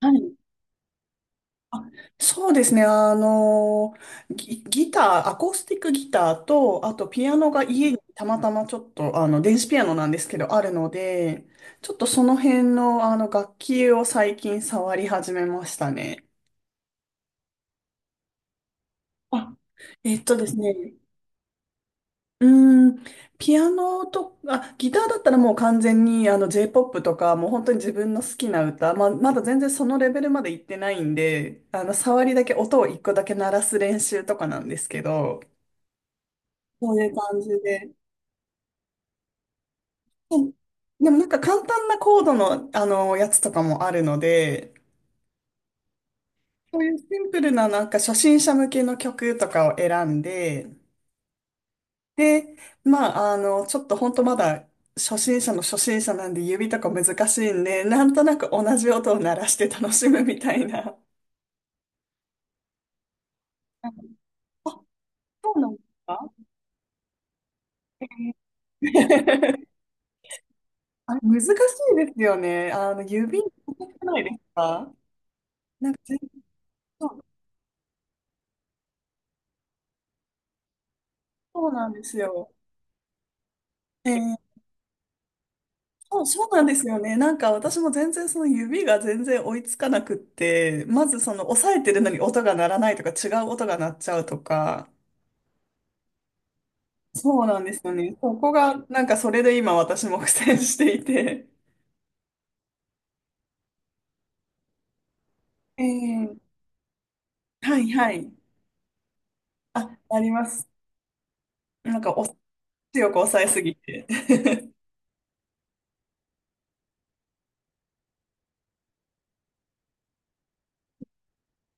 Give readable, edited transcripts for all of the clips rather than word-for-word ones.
はい。あ、そうですね。ギター、アコースティックギターと、あとピアノが家にたまたまちょっと、電子ピアノなんですけど、あるので、ちょっとその辺の、楽器を最近触り始めましたね。あえっとですね、うーん、ピアノと、あ、ギターだったらもう完全にJ-POP とか、もう本当に自分の好きな歌、まだ全然そのレベルまで行ってないんで、触りだけ、音を一個だけ鳴らす練習とかなんですけど、そういう感じで。うん。でもなんか簡単なコードの、やつとかもあるので、そういうシンプルななんか初心者向けの曲とかを選んで、で、ちょっと本当まだ初心者の初心者なんで指とか難しいんで、なんとなく同じ音を鳴らして楽しむみたいな。あ、そうなんですか？ あれ、難しいですよね。指、難しくないですか？なんか全然、そう、そうなんですよ。えーそうなんですよね。なんか私も全然その指が全然追いつかなくって、まずその押さえてるのに音が鳴らないとか違う音が鳴っちゃうとか、そうなんですよね。そこが、なんかそれで今私も苦戦していて。ええ。はいはい。あ、あります。なんかお、強く抑えすぎて。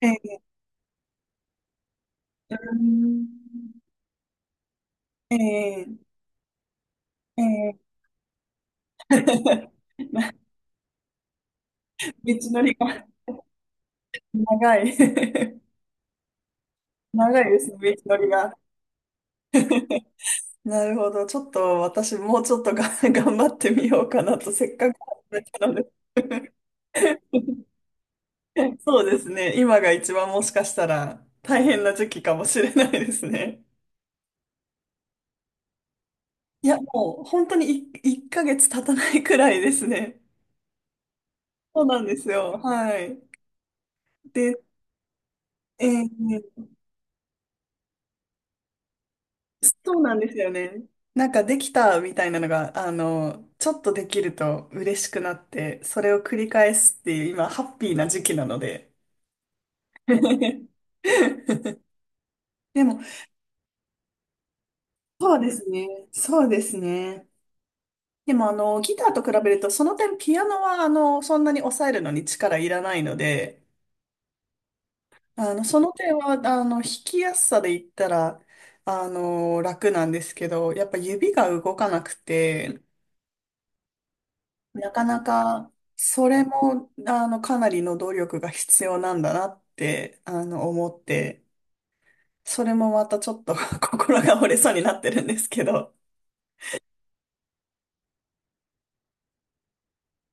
ええええええ。 道のりが長い。 長いですね、道のりが。なるほど。ちょっと私もうちょっとが 頑張ってみようかなと、せっかく始めたので。 そうですね。今が一番もしかしたら大変な時期かもしれないですね。いや、もう本当に1ヶ月経たないくらいですね。そうなんですよ。はい。で、えーそうなんですよね。なんかできたみたいなのが、ちょっとできると嬉しくなって、それを繰り返すっていう今、ハッピーな時期なので。でも、そうですね。そうですね。でもギターと比べると、その点ピアノはそんなに抑えるのに力いらないので、その点は、弾きやすさで言ったら、楽なんですけど、やっぱ指が動かなくて、なかなか、それも、かなりの努力が必要なんだなって、思って、それもまたちょっと 心が折れそうになってるんですけど。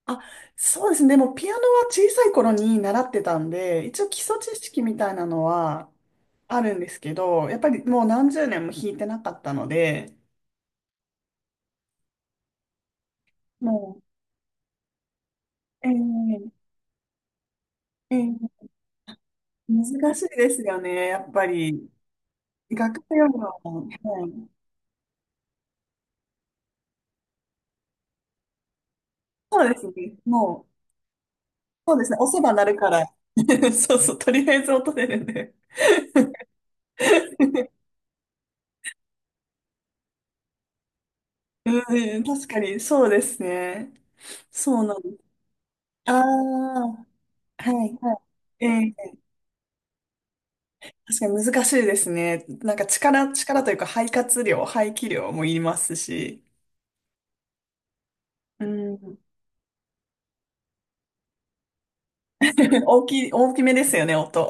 あ、そうですね。でも、ピアノは小さい頃に習ってたんで、一応基礎知識みたいなのはあるんですけど、やっぱりもう何十年も弾いてなかったので、もう、えー難しいですよね。やっぱり、楽譜読むのも、はい。そうですね。もう、そうですね。押せば鳴るから。そうそう。とりあえず音出るんで。うん、確かに、そうですね。そうなんです。ああ、はい、はい。確かに難しいですね。なんか力というか肺活量、排気量もいりますし。うん。大きめですよね、音。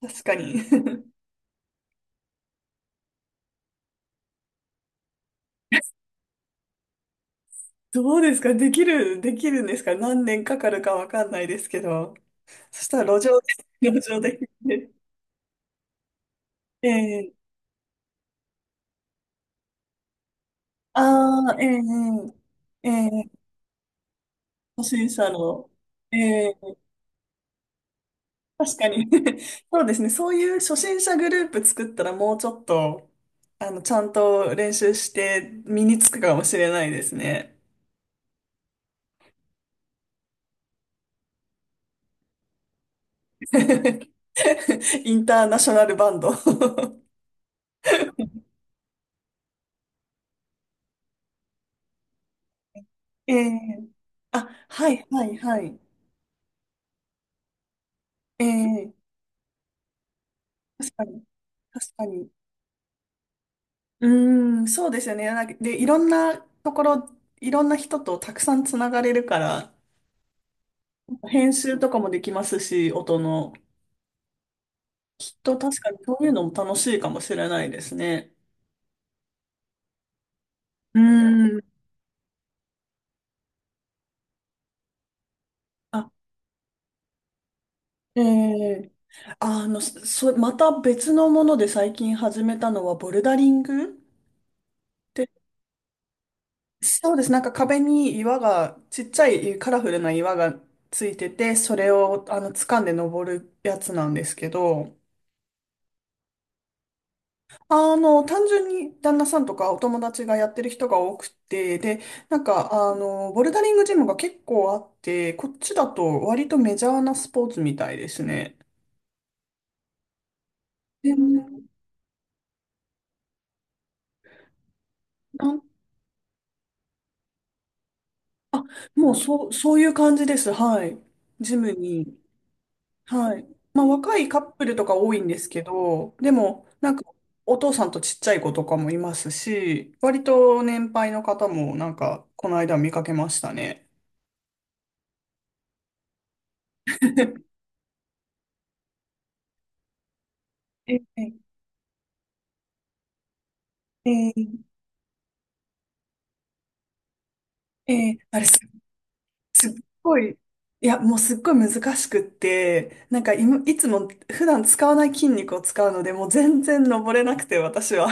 確かに。どうですかできるんですか？何年かかるかわかんないですけど。そしたら路上で、路上で聞いて。ええ。ああー、ええええええ。初心者の、ええ。確かに。 そうですね。そういう初心者グループ作ったらもうちょっと、ちゃんと練習して身につくかもしれないですね。インターナショナルバンド。 ええ、あ、はい、はい、はい。ええ、確かに、確かに。うーん、そうですよね。なんかで、いろんなところ、いろんな人とたくさんつながれるから、編集とかもできますし、音の。きっと確かにそういうのも楽しいかもしれないですね。うーん。あ、ええ、あの、そ、そまた別のもので最近始めたのはボルダリングって。そうです。なんか壁に岩が、ちっちゃいカラフルな岩がついてて、それをあの掴んで登るやつなんですけど、単純に旦那さんとかお友達がやってる人が多くて、で、なんか、ボルダリングジムが結構あって、こっちだと割とメジャーなスポーツみたいですね。でなんもうそういう感じです。はい。ジムに。はい。まあ若いカップルとか多いんですけど、でもなんかお父さんとちっちゃい子とかもいますし、割と年配の方もなんかこの間見かけましたね。えー、えー、えあれす、すっごい、いや、もうすっごい難しくって、なんかいつも普段使わない筋肉を使うので、もう全然登れなくて私は。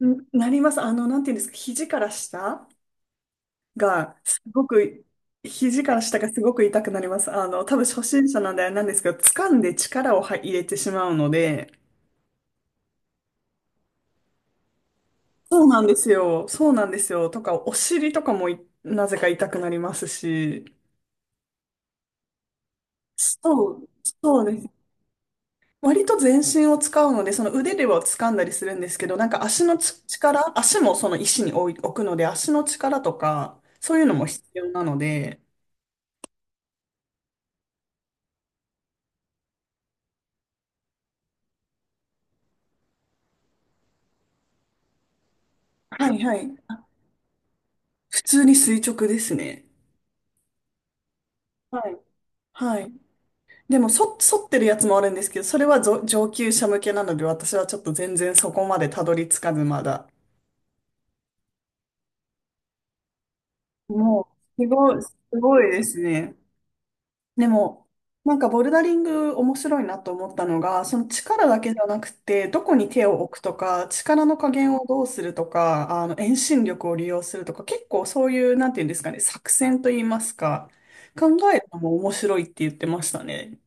んなります。なんていうんですか、が、すごく、肘から下がすごく痛くなります。多分初心者なんであれなんですけど、掴んで力を入れてしまうので、そうなんですよ。そうなんですよ。とか、お尻とかもなぜか痛くなりますし、そう、そうです。割と全身を使うので、その腕では掴んだりするんですけど、なんか足もその石に置くので、足の力とか、そういうのも必要なので、はいはい。普通に垂直ですね。はい。はい。でも、剃ってるやつもあるんですけど、それは上級者向けなので、私はちょっと全然そこまでたどり着かず、まだ。もう、すごいですね。でも、なんかボルダリング面白いなと思ったのが、その力だけじゃなくて、どこに手を置くとか、力の加減をどうするとか、遠心力を利用するとか、結構そういう、なんていうんですかね、作戦といいますか、考えるのも面白いって言ってましたね。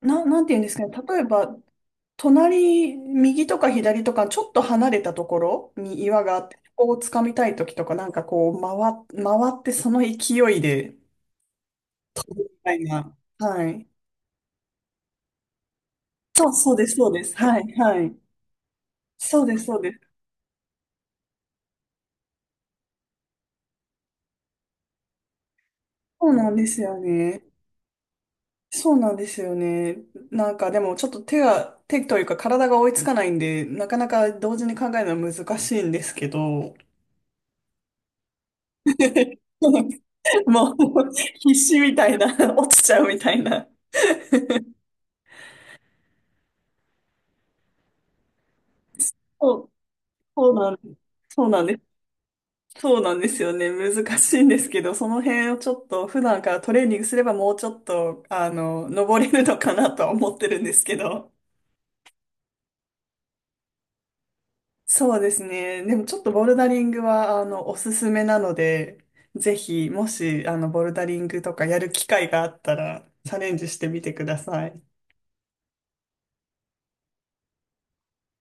なんて言うんですかね。例えば、隣、右とか左とか、ちょっと離れたところに岩があって、ここを掴みたいときとか、なんかこう、回ってその勢いで、みたいな。はい。そうです、そうです。はい、はい。そうです、そうです。そうなんですよね。そうなんですよね。なんかでもちょっと手というか体が追いつかないんで、なかなか同時に考えるのは難しいんですけど。もう 必死みたいな、落ちちゃうみたいな。そう、そうなんです。そうなんです。そうなんですよね。難しいんですけど、その辺をちょっと普段からトレーニングすればもうちょっと、登れるのかなとは思ってるんですけど。そうですね。でもちょっとボルダリングは、おすすめなので、ぜひ、もし、ボルダリングとかやる機会があったら、チャレンジしてみてください。